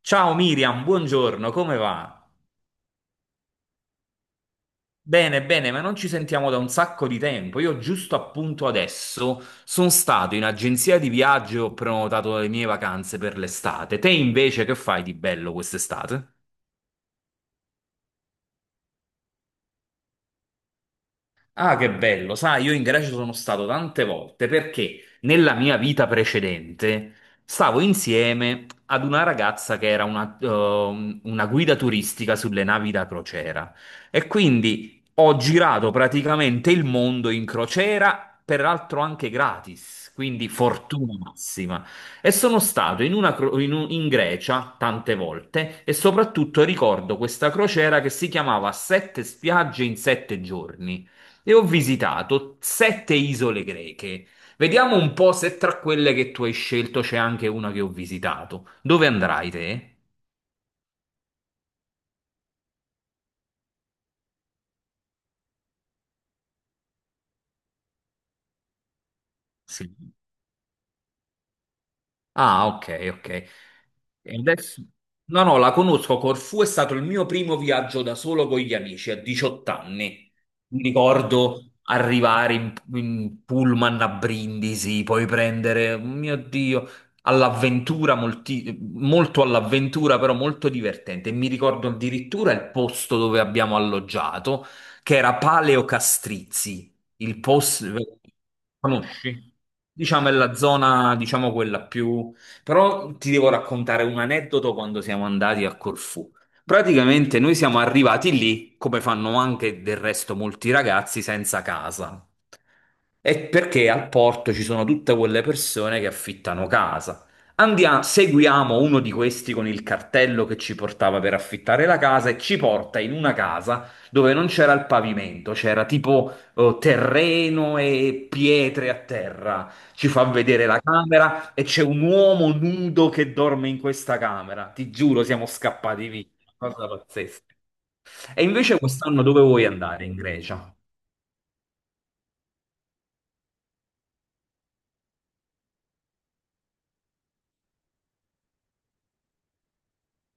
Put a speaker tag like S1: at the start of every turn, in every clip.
S1: Ciao Miriam, buongiorno, come va? Bene, bene, ma non ci sentiamo da un sacco di tempo. Io giusto appunto adesso sono stato in agenzia di viaggio e ho prenotato le mie vacanze per l'estate. Te invece che fai di bello quest'estate? Ah, che bello, sai, io in Grecia sono stato tante volte perché nella mia vita precedente stavo insieme ad una ragazza che era una guida turistica sulle navi da crociera e quindi ho girato praticamente il mondo in crociera, peraltro anche gratis, quindi fortuna massima. E sono stato in, una cro- in un- in Grecia tante volte e soprattutto ricordo questa crociera che si chiamava Sette spiagge in sette giorni. E ho visitato sette isole greche. Vediamo un po' se tra quelle che tu hai scelto c'è anche una che ho visitato. Dove andrai te? Sì. Ah, ok, ok. E adesso. No, no, la conosco. Corfù è stato il mio primo viaggio da solo con gli amici a 18 anni. Mi ricordo arrivare in pullman a Brindisi, poi prendere, mio Dio, all'avventura, molto all'avventura, però molto divertente. E mi ricordo addirittura il posto dove abbiamo alloggiato, che era Paleo Castrizzi, il posto. Conosci? Diciamo è la zona, diciamo quella più. Però ti devo raccontare un aneddoto quando siamo andati a Corfù. Praticamente noi siamo arrivati lì, come fanno anche del resto molti ragazzi, senza casa. E perché al porto ci sono tutte quelle persone che affittano casa. Andiamo, seguiamo uno di questi con il cartello che ci portava per affittare la casa e ci porta in una casa dove non c'era il pavimento, c'era tipo terreno e pietre a terra. Ci fa vedere la camera e c'è un uomo nudo che dorme in questa camera. Ti giuro, siamo scappati via. Una cosa pazzesca. E invece quest'anno dove vuoi andare? In Grecia?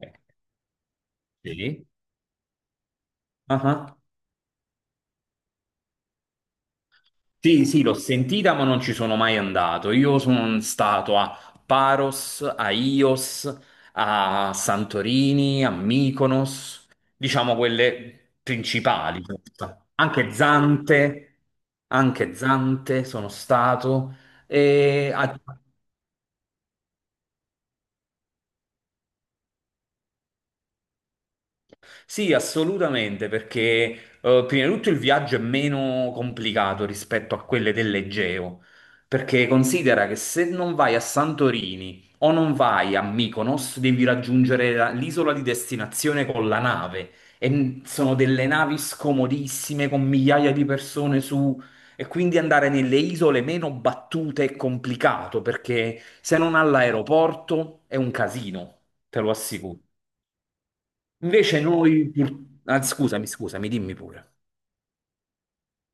S1: Eh, sì. Ah, sì, sì, l'ho sentita, ma non ci sono mai andato. Io sono stato a Paros, a Ios, a Santorini, a Mykonos, diciamo quelle principali. Anche Zante, anche Zante sono stato. E a- Sì, assolutamente, perché prima di tutto il viaggio è meno complicato rispetto a quelle dell'Egeo, perché considera che se non vai a Santorini o non vai a Mykonos, devi raggiungere l'isola di destinazione con la nave sono delle navi scomodissime con migliaia di persone su e quindi andare nelle isole meno battute è complicato, perché se non all'aeroporto è un casino, te lo assicuro. Invece noi, pur- ah, scusami, scusami, dimmi pure.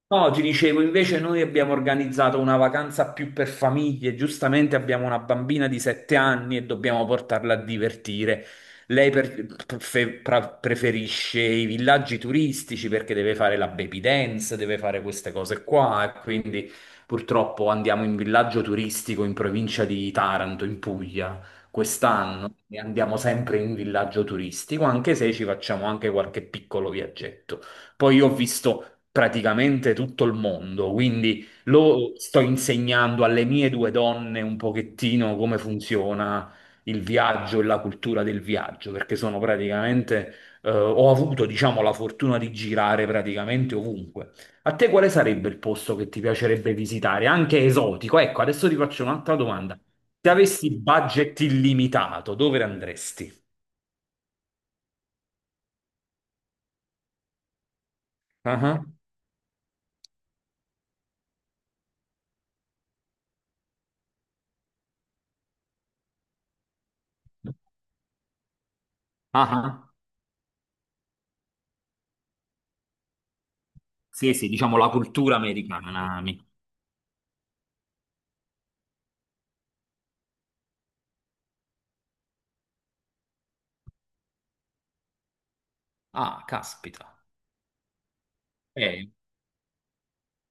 S1: No, ti dicevo, invece noi abbiamo organizzato una vacanza più per famiglie, giustamente abbiamo una bambina di 7 anni e dobbiamo portarla a divertire. Lei preferisce i villaggi turistici perché deve fare la baby dance, deve fare queste cose qua e quindi purtroppo andiamo in villaggio turistico in provincia di Taranto, in Puglia, quest'anno e andiamo sempre in villaggio turistico, anche se ci facciamo anche qualche piccolo viaggetto. Poi io ho visto praticamente tutto il mondo, quindi lo sto insegnando alle mie due donne un pochettino come funziona il viaggio e la cultura del viaggio, perché sono praticamente, ho avuto, diciamo, la fortuna di girare praticamente ovunque. A te quale sarebbe il posto che ti piacerebbe visitare, anche esotico? Ecco, adesso ti faccio un'altra domanda. Se avessi budget illimitato, dove andresti? Ah ah. Ah ah. Sì, sì, diciamo la cultura americana. Ah, caspita. Eh,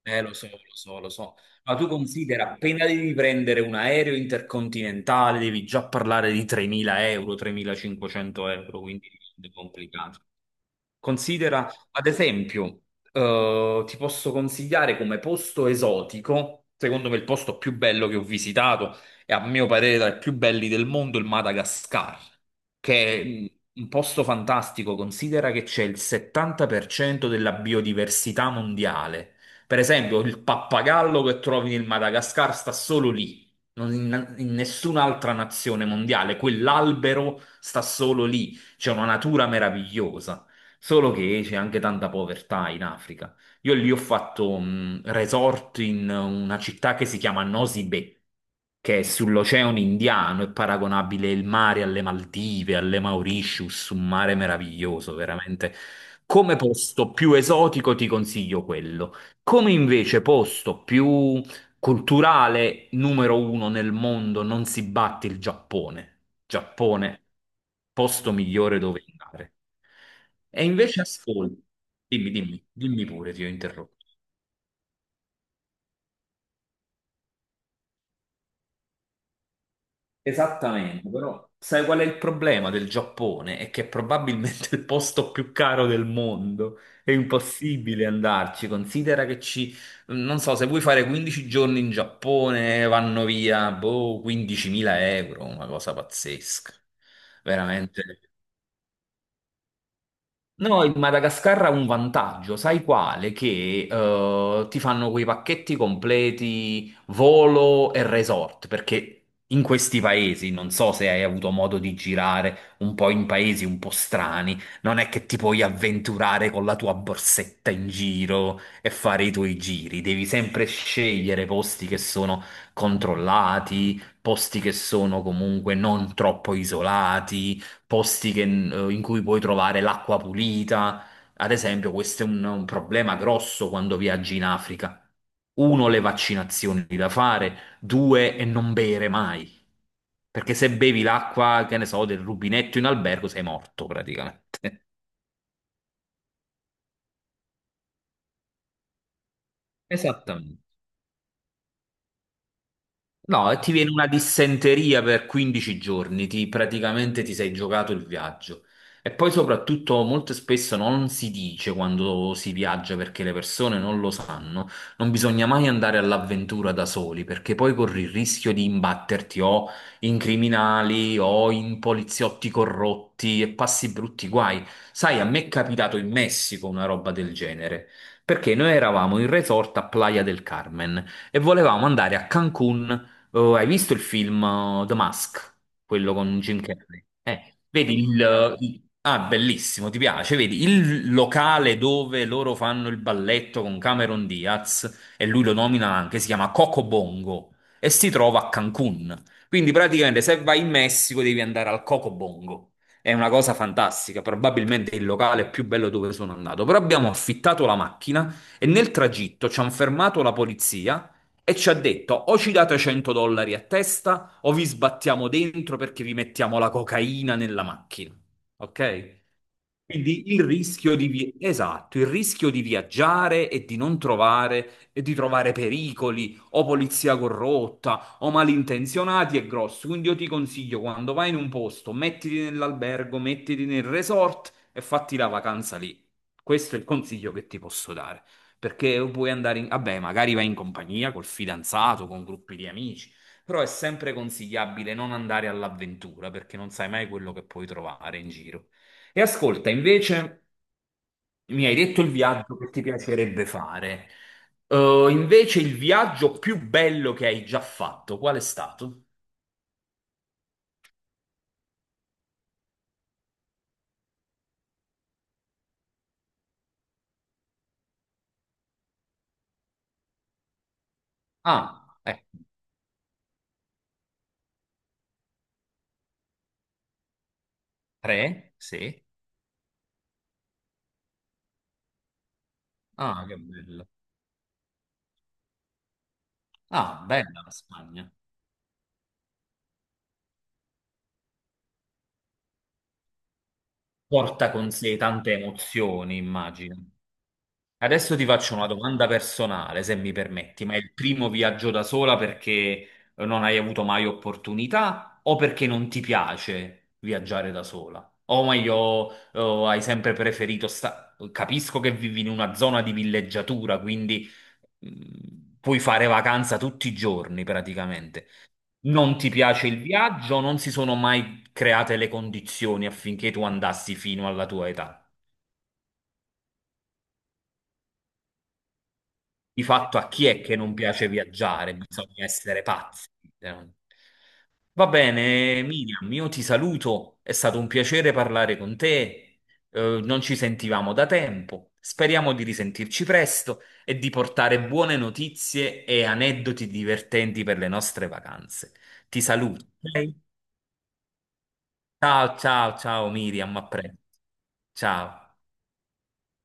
S1: Lo so, lo so, lo so. Ma tu considera, appena devi prendere un aereo intercontinentale, devi già parlare di 3.000 euro, 3.500 euro, quindi è complicato. Considera, ad esempio, ti posso consigliare come posto esotico, secondo me il posto più bello che ho visitato e a mio parere tra i più belli del mondo, il Madagascar, che è un posto fantastico. Considera che c'è il 70% della biodiversità mondiale. Per esempio, il pappagallo che trovi nel Madagascar sta solo lì, non in nessun'altra nazione mondiale. Quell'albero sta solo lì. C'è una natura meravigliosa. Solo che c'è anche tanta povertà in Africa. Io lì ho fatto un resort in una città che si chiama Nosy Be, che è sull'oceano Indiano, è paragonabile il mare alle Maldive, alle Mauritius, un mare meraviglioso, veramente. Come posto più esotico ti consiglio quello. Come invece posto più culturale, numero uno nel mondo, non si batte il Giappone. Giappone, posto migliore dove andare. E invece ascolta, dimmi, dimmi, dimmi pure, ti ho interrotto. Esattamente, però sai qual è il problema del Giappone? È che è probabilmente il posto più caro del mondo. È impossibile andarci. Considera che ci, non so, se vuoi fare 15 giorni in Giappone, vanno via, boh, 15.000 euro, una cosa pazzesca. Veramente. No, il Madagascar ha un vantaggio, sai quale? Che ti fanno quei pacchetti completi volo e resort, perché in questi paesi, non so se hai avuto modo di girare un po' in paesi un po' strani, non è che ti puoi avventurare con la tua borsetta in giro e fare i tuoi giri, devi sempre scegliere posti che sono controllati, posti che sono comunque non troppo isolati posti in cui puoi trovare l'acqua pulita. Ad esempio, questo è un problema grosso quando viaggi in Africa. Uno, le vaccinazioni da fare, due, e non bere mai. Perché se bevi l'acqua, che ne so, del rubinetto in albergo, sei morto praticamente. Esattamente. No, e ti viene una dissenteria per 15 giorni, praticamente ti sei giocato il viaggio. E poi soprattutto molto spesso non si dice quando si viaggia perché le persone non lo sanno, non bisogna mai andare all'avventura da soli perché poi corri il rischio di imbatterti o in criminali o in poliziotti corrotti e passi brutti guai. Sai, a me è capitato in Messico una roba del genere, perché noi eravamo in resort a Playa del Carmen e volevamo andare a Cancun. Oh, hai visto il film The Mask? Quello con Jim Carrey? Ah, bellissimo, ti piace? Vedi, il locale dove loro fanno il balletto con Cameron Diaz, e lui lo nomina anche, si chiama Coco Bongo, e si trova a Cancun. Quindi praticamente se vai in Messico devi andare al Coco Bongo. È una cosa fantastica, probabilmente è il locale più bello dove sono andato. Però abbiamo affittato la macchina e nel tragitto ci hanno fermato la polizia e ci ha detto: o ci date 100 dollari a testa, o vi sbattiamo dentro perché vi mettiamo la cocaina nella macchina. Ok? Quindi il rischio di esatto, il rischio di viaggiare e di non trovare e di trovare pericoli o polizia corrotta o malintenzionati è grosso. Quindi io ti consiglio quando vai in un posto, mettiti nell'albergo, mettiti nel resort e fatti la vacanza lì. Questo è il consiglio che ti posso dare. Perché puoi andare in. Vabbè, magari vai in compagnia col fidanzato, con gruppi di amici, però è sempre consigliabile non andare all'avventura perché non sai mai quello che puoi trovare in giro. E ascolta, invece mi hai detto il viaggio che ti piacerebbe fare. Invece il viaggio più bello che hai già fatto, qual è stato? Ah, tre? Sì. Ah, che bello. Ah, bella la Spagna. Porta con sé tante emozioni, immagino. Adesso ti faccio una domanda personale, se mi permetti, ma è il primo viaggio da sola perché non hai avuto mai opportunità o perché non ti piace viaggiare da sola? O meglio, o hai sempre preferito sta. Capisco che vivi in una zona di villeggiatura, quindi puoi fare vacanza tutti i giorni praticamente. Non ti piace il viaggio, non si sono mai create le condizioni affinché tu andassi fino alla tua età. Di fatto a chi è che non piace viaggiare? Bisogna essere pazzi. Eh. Va bene, Miriam, io ti saluto. È stato un piacere parlare con te. Non ci sentivamo da tempo. Speriamo di risentirci presto e di portare buone notizie e aneddoti divertenti per le nostre vacanze. Ti saluto, ok? Ciao, ciao, ciao Miriam, a presto. Ciao.